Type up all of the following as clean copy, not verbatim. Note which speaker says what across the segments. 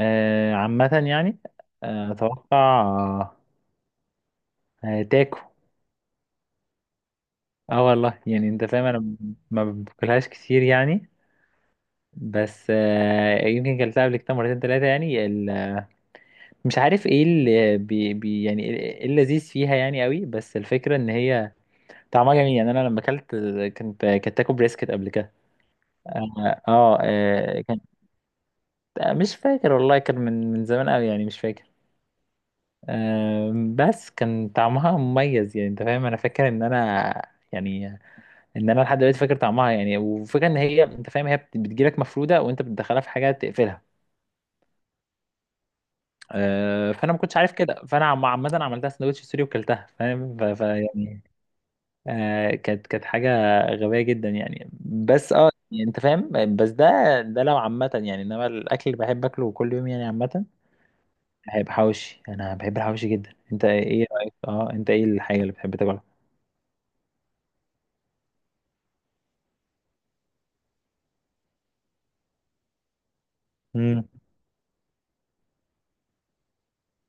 Speaker 1: آه، عامة يعني. آه أتوقع. آه. آه، تاكو. اه والله، يعني انت فاهم انا ما باكلهاش كتير يعني. بس آه يمكن كلتها قبل كده مرتين 3 يعني مش عارف ايه اللي بي يعني ايه اللذيذ فيها يعني قوي، بس الفكرة ان هي طعمها جميل. يعني انا لما اكلت كنت تاكو بريسكت قبل كده. كان مش فاكر والله، كان من زمان قوي يعني مش فاكر. بس كان طعمها مميز، يعني انت فاهم انا فاكر ان انا يعني ان انا لحد دلوقتي فاكر طعمها. يعني وفكرة ان هي، انت فاهم، هي بتجيلك مفرودة وانت بتدخلها في حاجة تقفلها. آه، فانا ما كنتش عارف كده، فانا عامة عملتها سندوتش سوري وكلتها، فاهم، يعني آه، كانت حاجة غبية جدا يعني. بس اه يعني انت فاهم، بس ده ده لو عامة يعني. انما الاكل اللي بحب اكله كل يوم يعني عامة هيبقى حواوشي. انا بحب الحواوشي جدا. انت ايه رأيك؟ اه، انت ايه الحاجة اللي بتحب تاكلها؟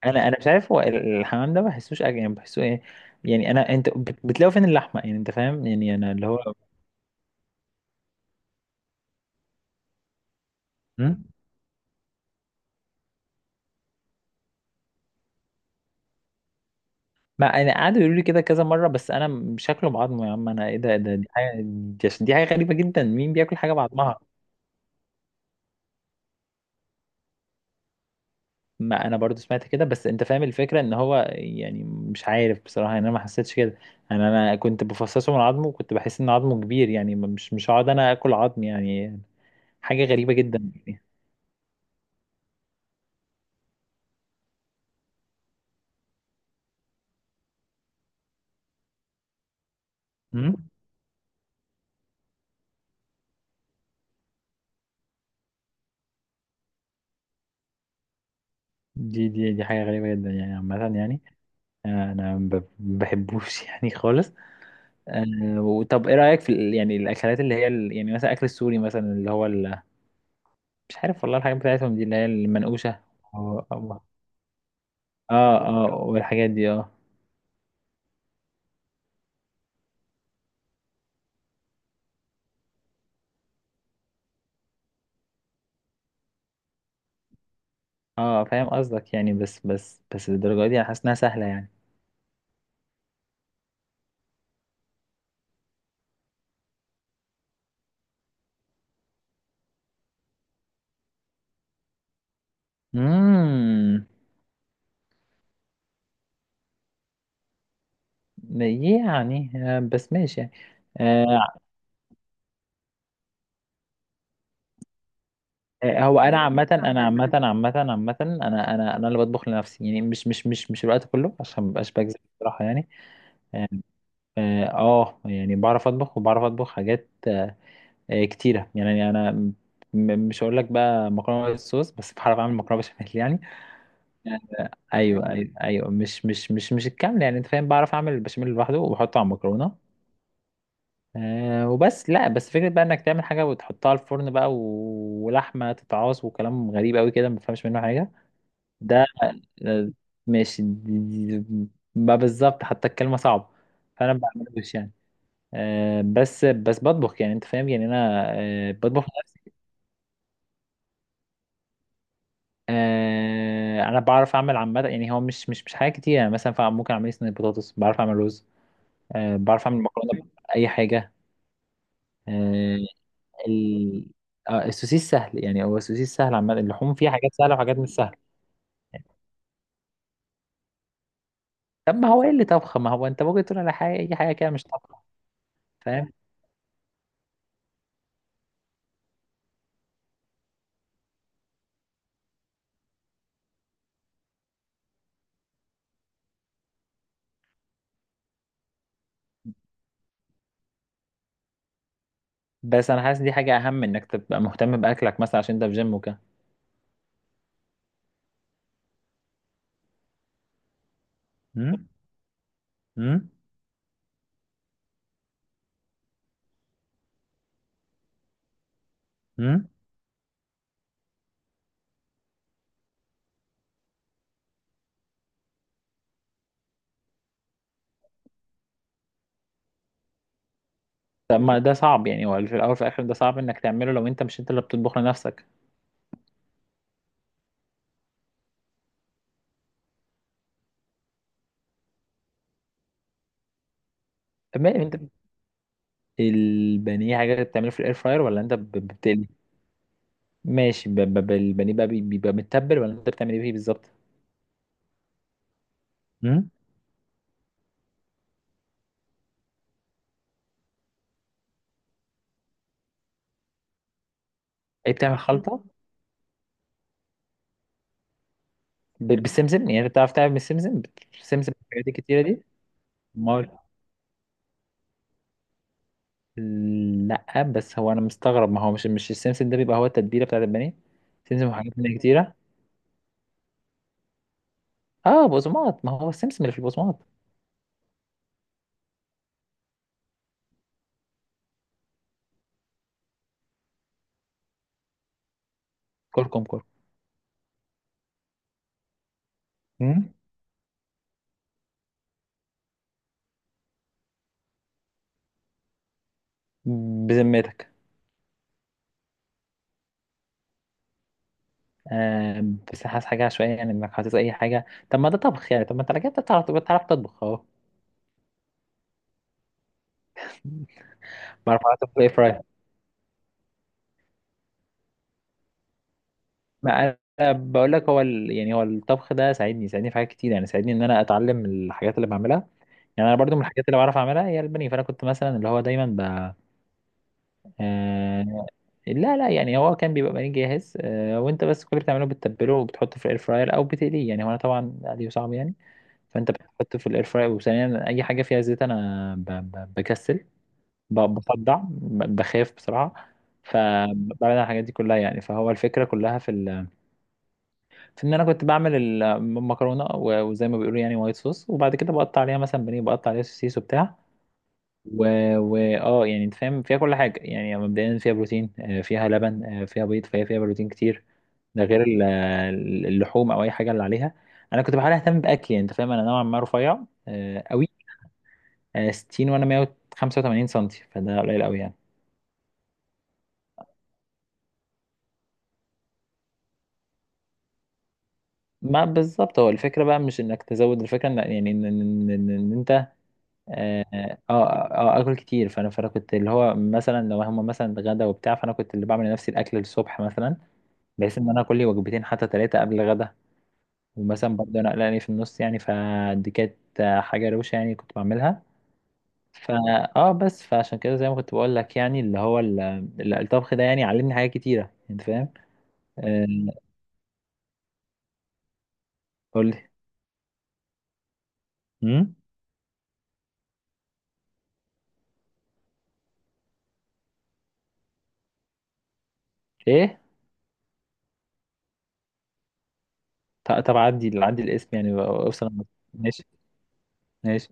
Speaker 1: انا مش عارف، هو الحمام ده ما بحسوش اكل يعني، بحسه ايه يعني. انا انت بتلاقوا فين اللحمه يعني؟ انت فاهم، يعني انا اللي هو. مم؟ ما انا قعدوا يقولوا لي كده كذا مره، بس انا شكله بعظمه يا عم. انا ايه ده دي حاجه، دي حاجه غريبه جدا. مين بياكل حاجه بعظمها؟ ما انا برضو سمعت كده، بس انت فاهم الفكره ان هو يعني مش عارف بصراحه يعني. انا ما حسيتش كده. انا كنت بفصصه من عظمه وكنت بحس ان عظمه كبير يعني، مش هقعد انا اكل عظم يعني، حاجه غريبه جدا يعني. مم؟ دي حاجه غريبه جدا يعني عامه يعني. انا ما بحبوش يعني خالص. أه، طب ايه رايك في يعني الاكلات اللي هي يعني مثلا اكل السوري مثلا اللي هو مش عارف والله، الحاجات بتاعتهم دي اللي هي المنقوشه. اه اه آه، والحاجات دي اه. اه فاهم قصدك يعني، بس بس الدرجه دي انا حاسس انها سهله يعني. امم. يعني آه، بس ماشي يعني. آه آه، هو انا عامه، انا عامه. عامه انا اللي بطبخ لنفسي يعني، مش الوقت كله، عشان مبقاش بكذب بصراحه يعني. اه آه، يعني بعرف اطبخ، وبعرف اطبخ حاجات آه، كتيره يعني. انا مش هقول لك بقى مكرونه بالصوص، بس بعرف اعمل مكرونه بشاميل يعني. ايوه ايوه ايوه، مش الكامل يعني، انت فاهم، بعرف اعمل البشاميل لوحده وبحطه على المكرونه. أه وبس. لا، بس فكره بقى انك تعمل حاجه وتحطها على الفرن بقى، ولحمه تتعاص وكلام غريب قوي كده، ما بفهمش منه حاجه. ده آه، ماشي ما بالظبط حتى الكلمه صعبه. فانا ما بعملوش يعني. آه، بس بس بطبخ يعني، انت فاهم يعني، انا آه، بطبخ لنفسي. آه، انا بعرف اعمل عامه يعني، هو مش حاجه كتير يعني. مثلا ممكن اعمل لي صينيه بطاطس. بعرف اعمل رز. آه، بعرف اعمل مكرونه. اي حاجه. آه، ال- آه، السوسيس سهل يعني. هو السوسيس سهل عامه. اللحوم فيها حاجات سهله وحاجات مش سهله. طب ما هو ايه اللي طبخه؟ ما هو انت ممكن تقول على حاجه اي حاجه كده مش طبخه. فاهم. بس انا حاسس دي حاجه اهم، انك تبقى مهتم باكلك مثلا عشان انت في جيم وكده. امم. امم. طب ما ده صعب يعني، هو في الاول وفي الاخر ده صعب انك تعمله لو انت مش انت اللي بتطبخ لنفسك. اما انت البانيه حاجه بتعمله في الاير فراير ولا انت بتقلي؟ ماشي، البانيه بقى بيبقى متبل ولا انت بتعمل ايه فيه بالظبط؟ امم. ايه، بتعمل خلطه؟ بالسمسم يعني، انت بتعرف تعمل بالسمسم؟ بتسمسم الحاجات الكتيره دي؟ ما لا، بس هو انا مستغرب، ما هو مش السمسم ده بيبقى هو التتبيله بتاعت البانيه؟ سمسم وحاجات تانية كتيره. اه بقسماط، ما هو السمسم اللي في البقسماط. كركم كركم. امم. بذمتك؟ بس حاسس حاجة عشوائية يعني، انك حاطط اي حاجة. طب ما ده طبخ يعني. طب ما انت على كده بتعرف، بتعرف تطبخ اهو. بعرف اطبخ ايه فراي. ما انا بقول لك، هو ال... يعني هو الطبخ ده ساعدني في حاجات كتير يعني، ساعدني ان انا اتعلم الحاجات اللي بعملها. يعني انا برضو من الحاجات اللي بعرف اعملها هي البانيه. فانا كنت مثلا اللي هو دايما آه... لا لا، يعني هو كان بيبقى بانيه جاهز، وانت بس كل اللي بتعمله بتتبله وبتحطه في الاير فراير او بتقليه. يعني هو انا طبعا قلي صعب يعني. فانت بتحطه في الاير فراير. وثانيا اي حاجه فيها زيت انا بكسل، بصدع، بخاف بسرعة. فبعمل الحاجات دي كلها يعني. فهو الفكرة كلها في ال... في ان انا كنت بعمل المكرونة وزي ما بيقولوا يعني وايت صوص، وبعد كده بقطع عليها مثلا بانيه، بقطع عليها سوسيس وبتاع و... اه، يعني انت فاهم، فيها كل حاجة يعني. مبدئيا فيها بروتين آه، فيها لبن آه، فيها بيض، فهي فيها بروتين كتير. ده غير اللحوم او اي حاجة اللي عليها. انا كنت بحاول اهتم باكلي يعني، انت فاهم انا نوعا ما رفيع آه، قوي. آه، 60، وانا 185 سم، فده قليل قوي يعني. ما بالظبط، هو الفكرة بقى مش انك تزود، الفكرة ان يعني ان إن انت. اه اه آه، آه، اكل كتير. فانا كنت اللي هو مثلا لو هما مثلا غدا وبتاع، فانا كنت اللي بعمل لنفسي الاكل الصبح مثلا، بحيث ان انا اكل لي وجبتين حتى 3 قبل الغدا. ومثلا برضه انا قلقاني في النص يعني، فدي كانت آه، حاجة روشة يعني، كنت بعملها. فا اه بس، فعشان كده زي ما كنت بقول لك، يعني اللي هو الطبخ ده يعني علمني حاجات كتيرة، انت فاهم؟ آه، قول لي. امم. ايه. طب عدي الاسم يعني، اوصل ماشي. ماشي.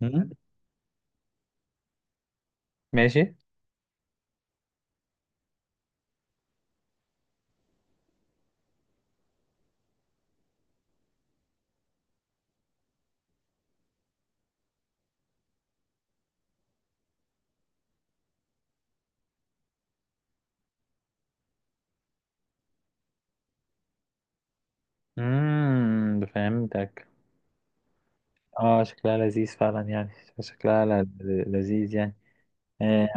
Speaker 1: مم. ماشي. امم، فهمتك. اه، شكلها لذيذ فعلا يعني، شكلها لذيذ يعني. اه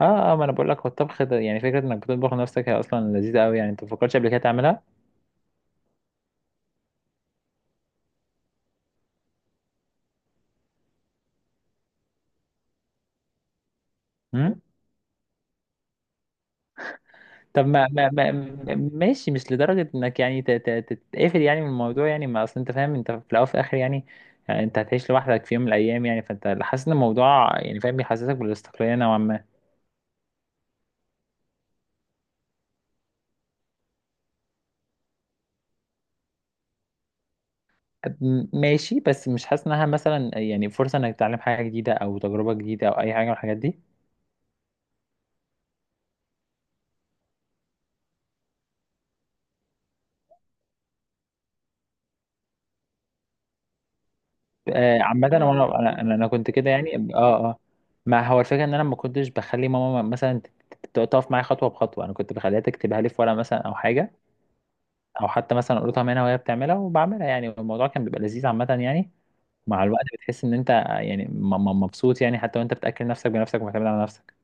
Speaker 1: اه آه، ما انا بقول لك، هو الطبخ ده يعني فكره انك بتطبخ لنفسك هي اصلا لذيذه قوي يعني. انت ما فكرتش قبل كده تعملها؟ امم. طب ماشي، مش لدرجه انك يعني تتقفل يعني من الموضوع يعني. ما اصل انت فاهم، انت في الاول وفي الاخر يعني، يعني انت هتعيش لوحدك في يوم من الايام يعني، فانت حاسس ان الموضوع، يعني فاهم، بيحسسك بالاستقلاليه نوعا ما. ماشي، بس مش حاسس انها مثلا يعني فرصه انك تتعلم حاجه جديده او تجربه جديده او اي حاجه من الحاجات دي؟ آه، عامه انا، لا انا أنا كنت كده يعني اه اه. ما هو الفكره ان انا ما كنتش بخلي ماما مثلا تقف معايا خطوه بخطوه. انا كنت بخليها تكتبها لي في ورقه مثلا او حاجه، او حتى مثلا اقولها منها وهي بتعملها وبعملها. يعني الموضوع كان بيبقى لذيذ عامه يعني. مع الوقت بتحس ان انت يعني مبسوط يعني حتى وانت بتاكل نفسك بنفسك ومعتمد على نفسك.